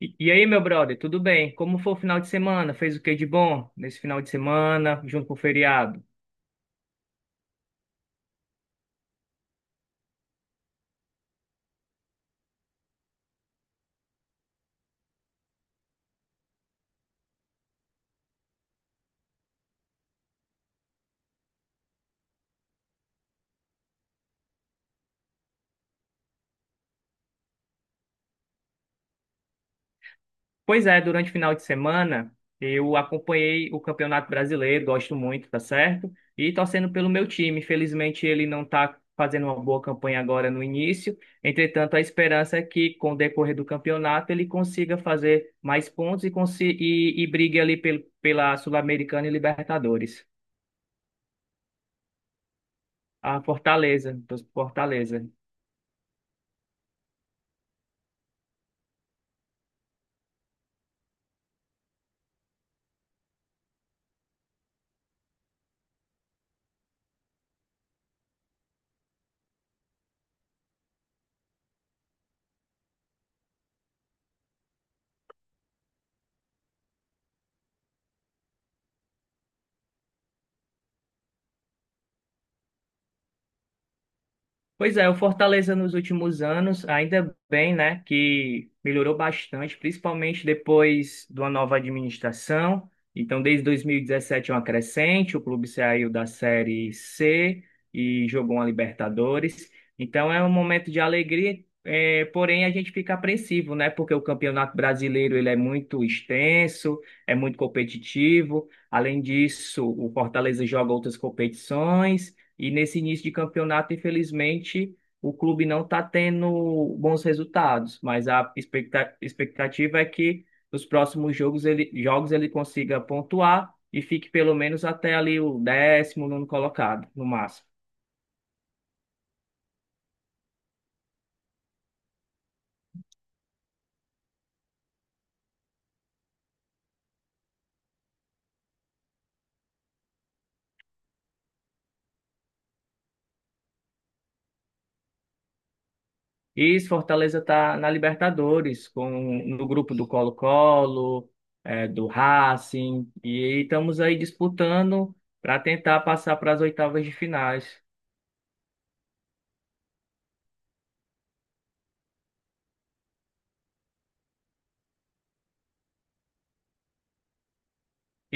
E aí, meu brother, tudo bem? Como foi o final de semana? Fez o que de bom nesse final de semana, junto com o feriado? Pois é, durante o final de semana eu acompanhei o Campeonato Brasileiro, gosto muito, tá certo? E torcendo pelo meu time. Infelizmente, ele não tá fazendo uma boa campanha agora no início. Entretanto, a esperança é que, com o decorrer do campeonato, ele consiga fazer mais pontos e brigue ali pela Sul-Americana e Libertadores. A Fortaleza, torço pro Fortaleza. Pois é, o Fortaleza nos últimos anos, ainda bem, né, que melhorou bastante, principalmente depois de uma nova administração. Então, desde 2017 é uma crescente, o clube saiu da Série C e jogou uma Libertadores. Então, é um momento de alegria, é, porém a gente fica apreensivo, né, porque o Campeonato Brasileiro ele é muito extenso, é muito competitivo. Além disso, o Fortaleza joga outras competições. E nesse início de campeonato, infelizmente, o clube não está tendo bons resultados, mas a expectativa é que nos próximos jogos ele consiga pontuar e fique pelo menos até ali o décimo nono colocado, no máximo. E se Fortaleza está na Libertadores, com, no grupo do Colo-Colo, do Racing, e estamos aí disputando para tentar passar para as oitavas de finais.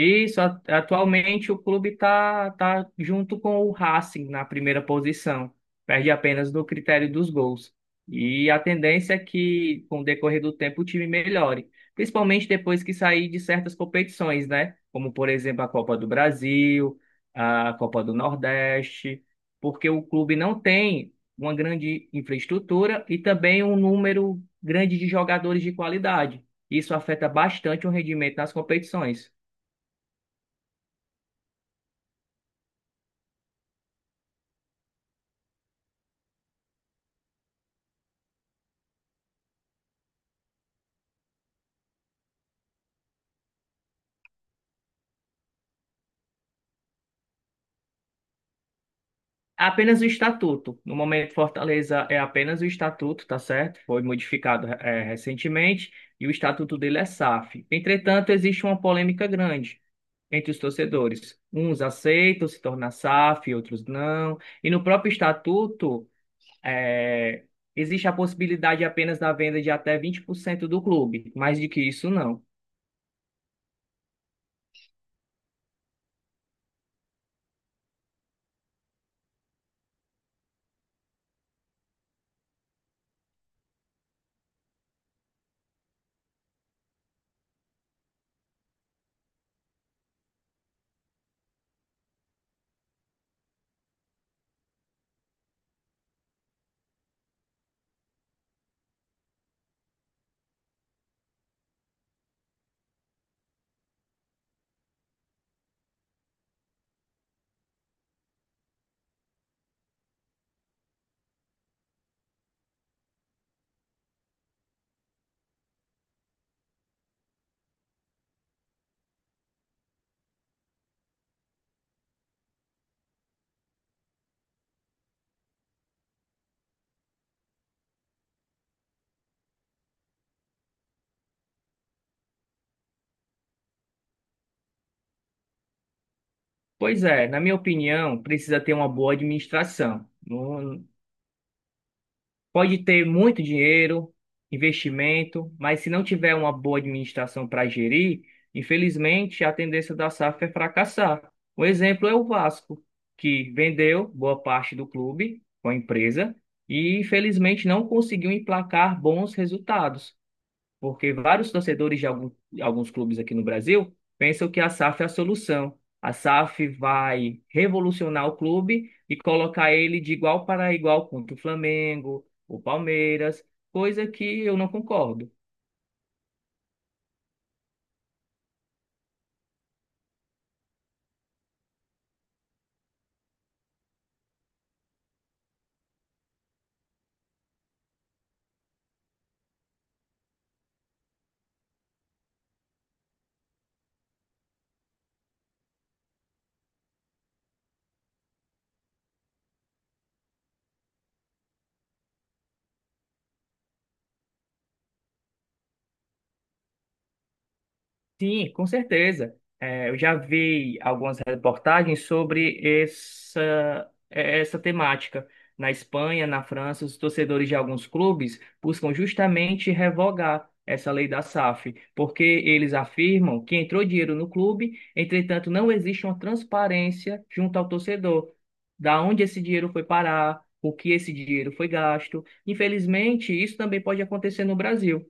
Isso, a- atualmente o clube está junto com o Racing na primeira posição, perde apenas no critério dos gols. E a tendência é que, com o decorrer do tempo, o time melhore, principalmente depois que sair de certas competições, né? Como, por exemplo, a Copa do Brasil, a Copa do Nordeste, porque o clube não tem uma grande infraestrutura e também um número grande de jogadores de qualidade. Isso afeta bastante o rendimento nas competições. Apenas o estatuto. No momento, Fortaleza é apenas o estatuto, tá certo? Foi modificado recentemente e o estatuto dele é SAF. Entretanto, existe uma polêmica grande entre os torcedores. Uns aceitam se tornar SAF, outros não. E no próprio estatuto, eh, existe a possibilidade apenas da venda de até 20% do clube, mais do que isso não. Pois é, na minha opinião, precisa ter uma boa administração. Não. Pode ter muito dinheiro, investimento, mas se não tiver uma boa administração para gerir, infelizmente a tendência da SAF é fracassar. Um exemplo é o Vasco, que vendeu boa parte do clube com a empresa e infelizmente não conseguiu emplacar bons resultados porque vários torcedores de alguns clubes aqui no Brasil pensam que a SAF é a solução. A SAF vai revolucionar o clube e colocar ele de igual para igual contra o Flamengo, o Palmeiras, coisa que eu não concordo. Sim, com certeza. É, eu já vi algumas reportagens sobre essa, é, essa temática. Na Espanha, na França, os torcedores de alguns clubes buscam justamente revogar essa lei da SAF, porque eles afirmam que entrou dinheiro no clube, entretanto, não existe uma transparência junto ao torcedor, da onde esse dinheiro foi parar, o que esse dinheiro foi gasto. Infelizmente, isso também pode acontecer no Brasil.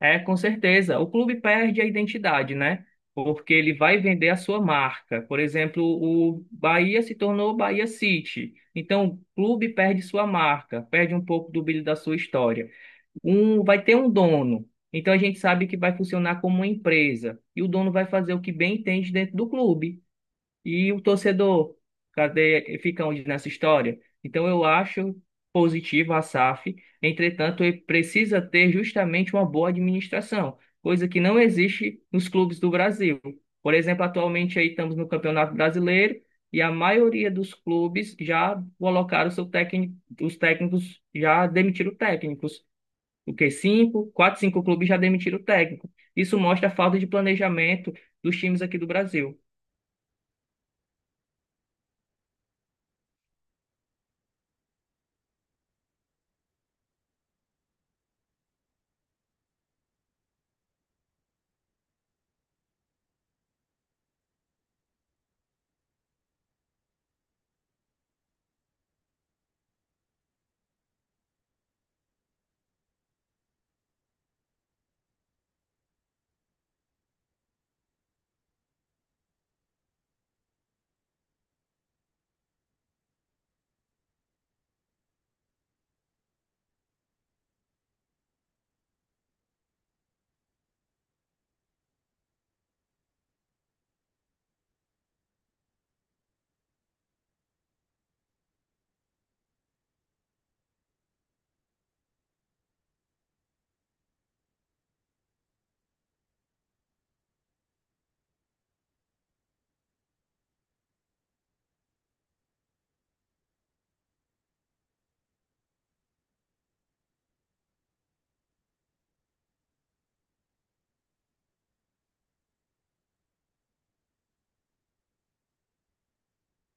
É, com certeza. O clube perde a identidade, né? Porque ele vai vender a sua marca. Por exemplo, o Bahia se tornou Bahia City. Então, o clube perde sua marca, perde um pouco do brilho da sua história. Um vai ter um dono. Então, a gente sabe que vai funcionar como uma empresa. E o dono vai fazer o que bem entende dentro do clube. E o torcedor, cadê, fica onde nessa história? Então eu acho positivo a SAF, entretanto, ele precisa ter justamente uma boa administração, coisa que não existe nos clubes do Brasil. Por exemplo, atualmente aí estamos no Campeonato Brasileiro e a maioria dos clubes já colocaram seu técnico, os técnicos já demitiram técnicos. O que cinco, quatro, cinco clubes já demitiram o técnico. Isso mostra a falta de planejamento dos times aqui do Brasil.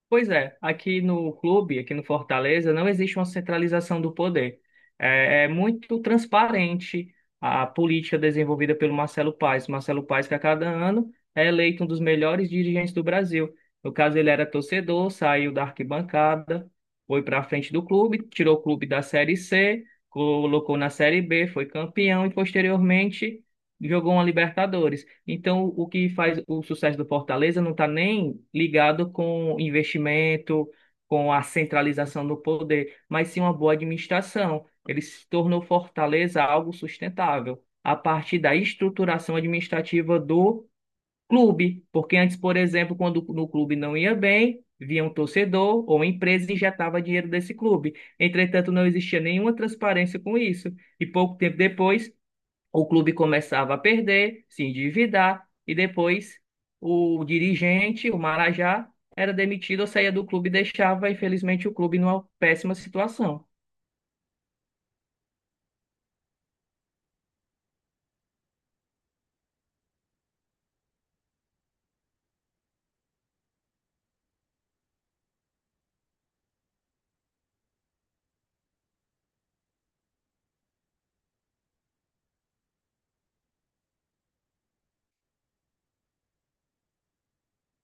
Pois é, aqui no clube, aqui no Fortaleza, não existe uma centralização do poder. É, é muito transparente a política desenvolvida pelo Marcelo Paes. Marcelo Paes, que a cada ano é eleito um dos melhores dirigentes do Brasil. No caso, ele era torcedor, saiu da arquibancada, foi para a frente do clube, tirou o clube da Série C, colocou na Série B, foi campeão e, posteriormente, jogou uma Libertadores. Então, o que faz o sucesso do Fortaleza não está nem ligado com investimento, com a centralização do poder, mas sim uma boa administração. Ele se tornou Fortaleza algo sustentável a partir da estruturação administrativa do clube. Porque antes, por exemplo, quando no clube não ia bem, vinha um torcedor ou uma empresa e injetava dinheiro desse clube. Entretanto, não existia nenhuma transparência com isso. E pouco tempo depois, o clube começava a perder, se endividar e depois o dirigente, o Marajá, era demitido ou saía do clube e deixava, infelizmente, o clube numa péssima situação.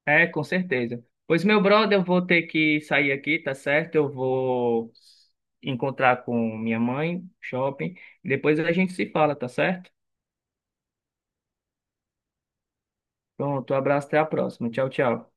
É, com certeza. Pois, meu brother, eu vou ter que sair aqui, tá certo? Eu vou encontrar com minha mãe, shopping. Depois a gente se fala, tá certo? Pronto, um abraço, até a próxima. Tchau, tchau.